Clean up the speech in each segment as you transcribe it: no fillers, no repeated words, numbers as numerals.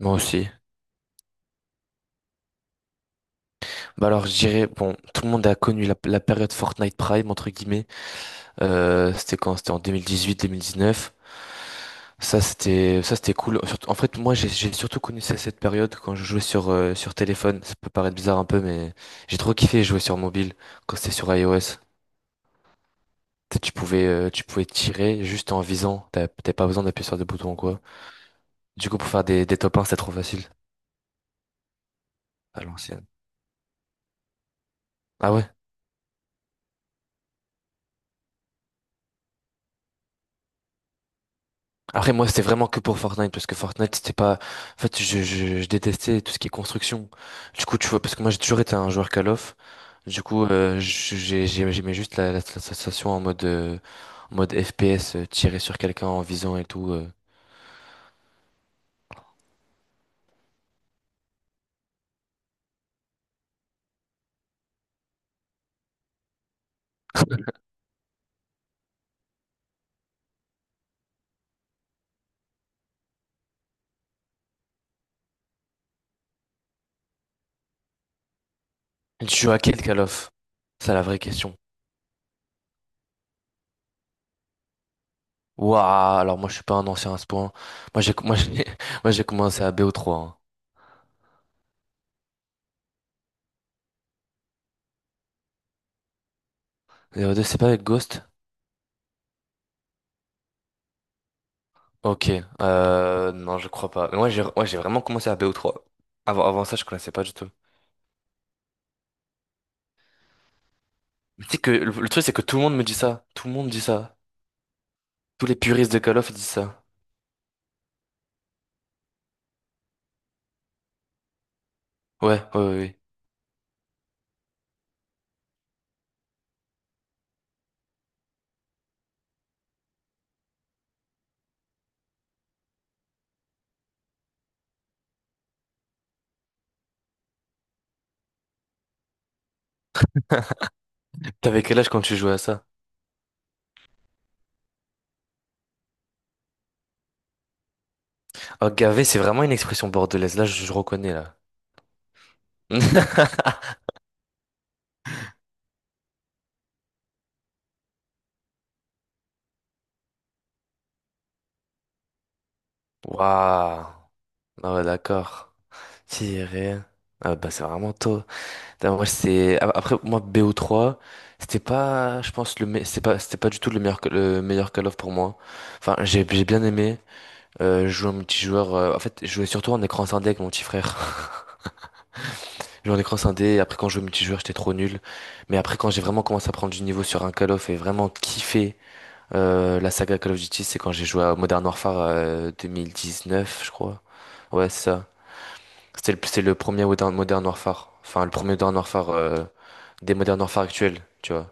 Moi aussi. Bah alors, je dirais, bon, tout le monde a connu la période Fortnite Prime, entre guillemets. C'était quand? C'était en 2018-2019. Ça, c'était cool. En fait, moi, j'ai surtout connu cette période quand je jouais sur téléphone. Ça peut paraître bizarre un peu, mais j'ai trop kiffé jouer sur mobile quand c'était sur iOS. Tu pouvais tirer juste en visant. T'avais pas besoin d'appuyer sur des boutons ou quoi. Du coup, pour faire des top 1, c'était trop facile à l'ancienne. Ah ouais? Après, moi, c'était vraiment que pour Fortnite, parce que Fortnite, c'était pas. En fait, je détestais tout ce qui est construction. Du coup, tu vois, parce que moi, j'ai toujours été un joueur Call of. Du coup, j'aimais juste la sensation en mode, en mode FPS, tirer sur quelqu'un en visant et tout. Tu joues à quel Call of? C'est la vraie question. Waouh, alors moi, je suis pas un ancien à ce point. Moi, j'ai, moi, j'ai, Moi, j'ai commencé à BO3. Hein. BO2, c'est pas avec Ghost? Ok, non, je crois pas. Mais moi, j'ai, ouais, j'ai vraiment commencé à bo trois. Avant ça, je connaissais pas du tout. Mais tu sais que le truc, c'est que tout le monde me dit ça. Tout le monde dit ça. Tous les puristes de Call of disent ça. Ouais, ouais, ouais. Ouais. T'avais quel âge quand tu jouais à ça? Oh, gavé, c'est vraiment une expression bordelaise. Là, je reconnais, là. Waouh. Ah ouais, d'accord. Tiré. Ah bah, c'est vraiment tôt. Putain, moi, Après, moi, bo trois. C'était pas, je pense, c'était pas du tout le meilleur Call of pour moi. Enfin, j'ai bien aimé. Je jouais en multijoueur. En fait, je jouais surtout en écran scindé avec mon petit frère. Je jouais en écran scindé. Et après, quand je jouais au multijoueur, j'étais trop nul. Mais après, quand j'ai vraiment commencé à prendre du niveau sur un Call of et vraiment kiffé la saga Call of Duty, c'est quand j'ai joué à Modern Warfare 2019, je crois. Ouais, c'est ça. C'est le premier Modern Warfare. Enfin, le premier Modern Warfare des Modern Warfare actuels, tu vois.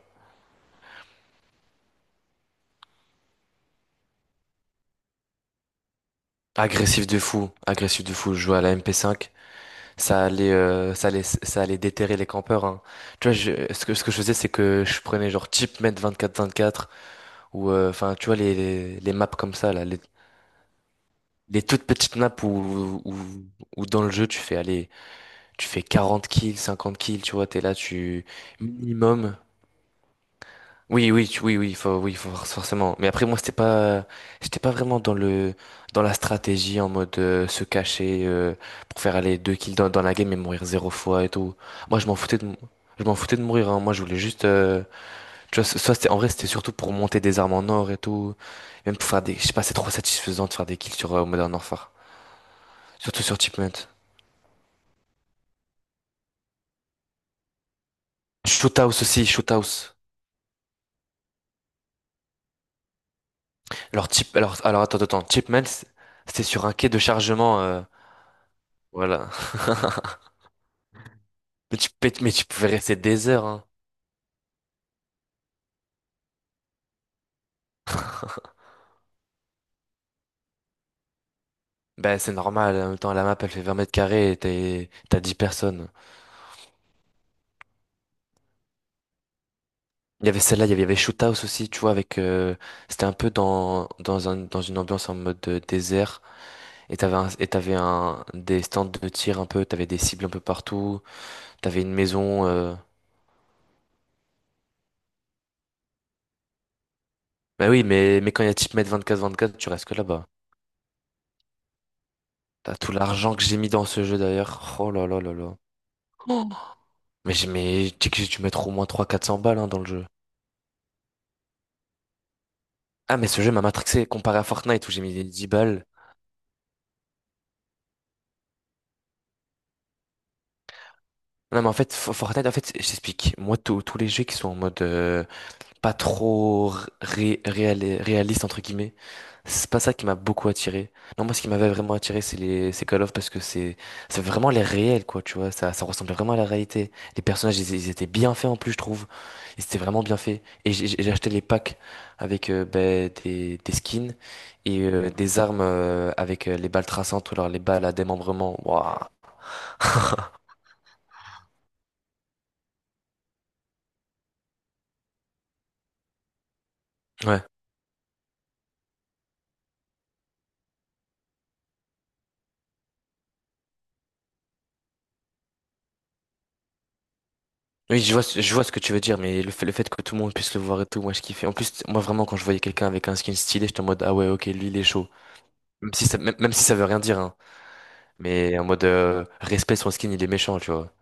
Agressif de fou, agressif de fou. Je jouais à la MP5. Ça allait déterrer les campeurs. Hein. Tu vois, ce que je faisais, c'est que je prenais genre CheapMate 24-24 ou enfin, tu vois, les maps comme ça, là, les toutes petites maps où dans le jeu, tu fais 40 kills, 50 kills, tu vois, t'es là, tu minimum. Oui, oui, oui, oui, faut forcément. Mais après, moi, c'était pas, j'étais pas vraiment dans la stratégie en mode se cacher pour faire aller deux kills dans la game et mourir zéro fois et tout. Moi, je m'en foutais de mourir. Hein. Moi, je voulais juste, tu vois, soit c'était, en vrai, c'était surtout pour monter des armes en or et tout, même pour faire des, je sais pas, c'est trop satisfaisant de faire des kills sur Modern Warfare, surtout sur Chipmunk. Shoothouse aussi, Shoothouse. Alors, attends, attends, Chipmunk, c'était sur un quai de chargement, voilà. Mais tu pouvais rester des heures, hein. Bah, c'est normal. En même temps, la map, elle fait 20 mètres carrés et t'as 10 personnes. Il y avait celle-là, il y avait Shoot House aussi, tu vois, avec, c'était un peu dans une ambiance en mode désert. Et t'avais un, des stands de tir un peu, t'avais des cibles un peu partout, t'avais une maison. Bah oui, mais quand il y a type mètre 24-24, tu restes que là-bas. T'as tout l'argent que j'ai mis dans ce jeu d'ailleurs. Oh là là là là. Oh. Tu sais que j'ai dû mettre au moins trois quatre cents balles, hein, dans le jeu. Ah, mais ce jeu m'a matrixé comparé à Fortnite où j'ai mis 10 balles. Non, mais en fait, Fortnite, en fait, je t'explique. Moi, tous les jeux qui sont en mode pas trop réaliste entre guillemets. C'est pas ça qui m'a beaucoup attiré. Non, moi ce qui m'avait vraiment attiré c'est les c'est Call of parce que c'est vraiment les réels quoi, tu vois, ça ressemblait vraiment à la réalité. Les personnages ils étaient bien faits en plus, je trouve. Ils étaient vraiment bien faits et j'ai acheté les packs avec ben, des skins et des armes avec les balles traçantes ou alors les balles à démembrement. Waouh. Ouais. Oui, je vois, je vois ce que tu veux dire, mais le fait que tout le monde puisse le voir et tout, moi je kiffais. En plus, moi vraiment, quand je voyais quelqu'un avec un skin stylé, j'étais en mode, ah ouais, ok, lui il est chaud. Même si ça veut rien dire, hein. Mais en mode, respect son skin, il est méchant, tu vois.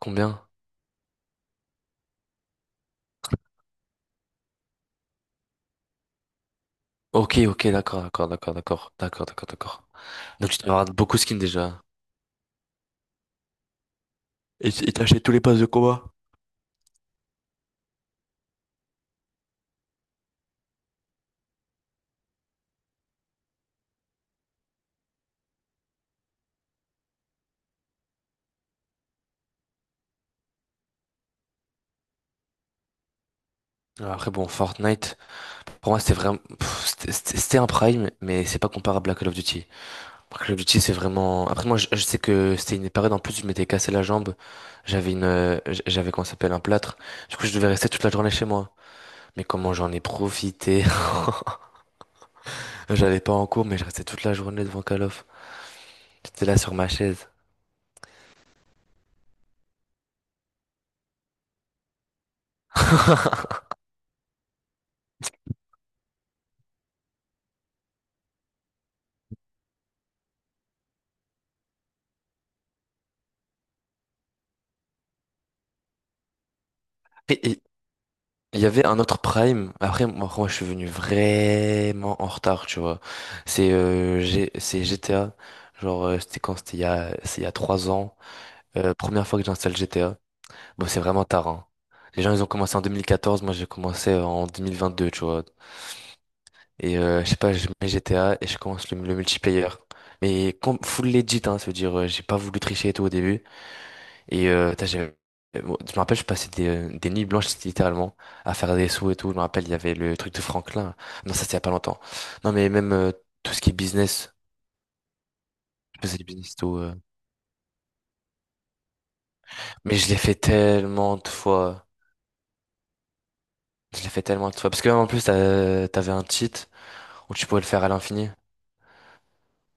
Combien? Ok, ok, d'accord, d'accord, d'accord, d'accord, d'accord, d'accord, d'accord. Donc tu dois avoir beaucoup de skins déjà. Et et t'as acheté tous les passes de combat? Alors, après, bon, Fortnite, pour moi, c'était vraiment, pff, c'était un prime, mais c'est pas comparable à Call of Duty. Après, l'objectif, c'est vraiment. Après, moi, je sais que c'était une période en plus, je m'étais cassé la jambe. J'avais j'avais comment ça s'appelle un plâtre. Du coup, je devais rester toute la journée chez moi. Mais comment j'en ai profité. J'allais pas en cours, mais je restais toute la journée devant Call of. J'étais là sur ma chaise. Et il y avait un autre Prime. Après, moi, je suis venu vraiment en retard, tu vois. C'est GTA. Genre, c'était quand? C'était il y a 3 ans. Première fois que j'installe GTA. Bon, c'est vraiment tard, hein. Les gens, ils ont commencé en 2014. Moi, j'ai commencé en 2022, tu vois. Et je sais pas, je mets GTA et je commence le multiplayer. Mais full legit, hein, ça veut dire j'ai pas voulu tricher et tout au début. Et putain, bon, je me rappelle, je passais des nuits blanches littéralement à faire des sous et tout. Je me rappelle, il y avait le truc de Franklin. Non, ça c'est il y a pas longtemps. Non, mais même tout ce qui est business, je faisais du business et tout. Mais je l'ai fait tellement de fois. Je l'ai fait tellement de fois. Parce que en plus, t'avais un cheat où tu pouvais le faire à l'infini.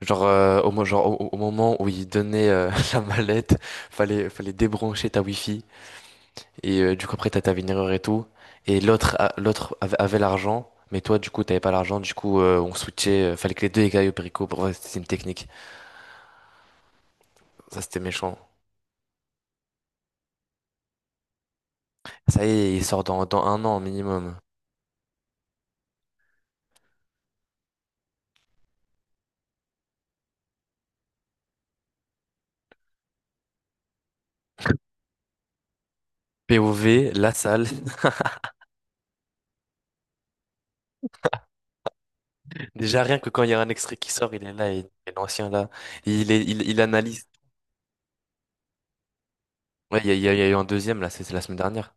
Genre, au, mo- genre au, au moment où ils donnaient la mallette, fallait débrancher ta Wi-Fi. Et du coup, après, t'as ta erreur et tout. Et l'autre avait l'argent. Mais toi, du coup, t'avais pas l'argent. Du coup, on switchait. Fallait que les deux écailles au Perico. Pour vrai, c'était une technique. Ça, c'était méchant. Ça y est, il sort dans un an minimum. POV, la salle. Déjà, rien que quand il y a un extrait qui sort, il est là. Et l'ancien, là, il analyse. Ouais, il y a, il y a il y a eu un deuxième, là, c'est la semaine dernière.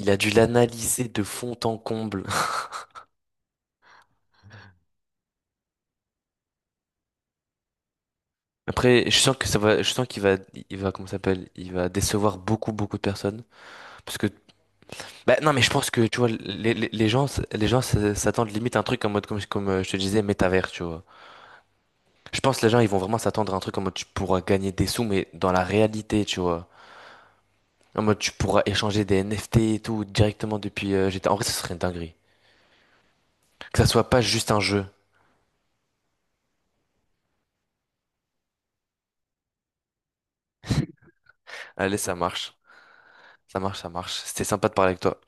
Il a dû l'analyser de fond en comble. Après, je sens que ça va, je sens qu'il va, comment ça s'appelle, il va décevoir beaucoup, beaucoup de personnes, parce que, bah non, mais je pense que, tu vois, les gens s'attendent limite à un truc en mode, comme, je te disais, métavers, tu vois. Je pense que les gens, ils vont vraiment s'attendre à un truc en mode, tu pourras gagner des sous, mais dans la réalité, tu vois. En mode, tu pourras échanger des NFT et tout directement depuis GTA. En vrai, ce serait une dinguerie. Que ça soit pas juste un jeu. Allez, ça marche, ça marche, ça marche. C'était sympa de parler avec toi.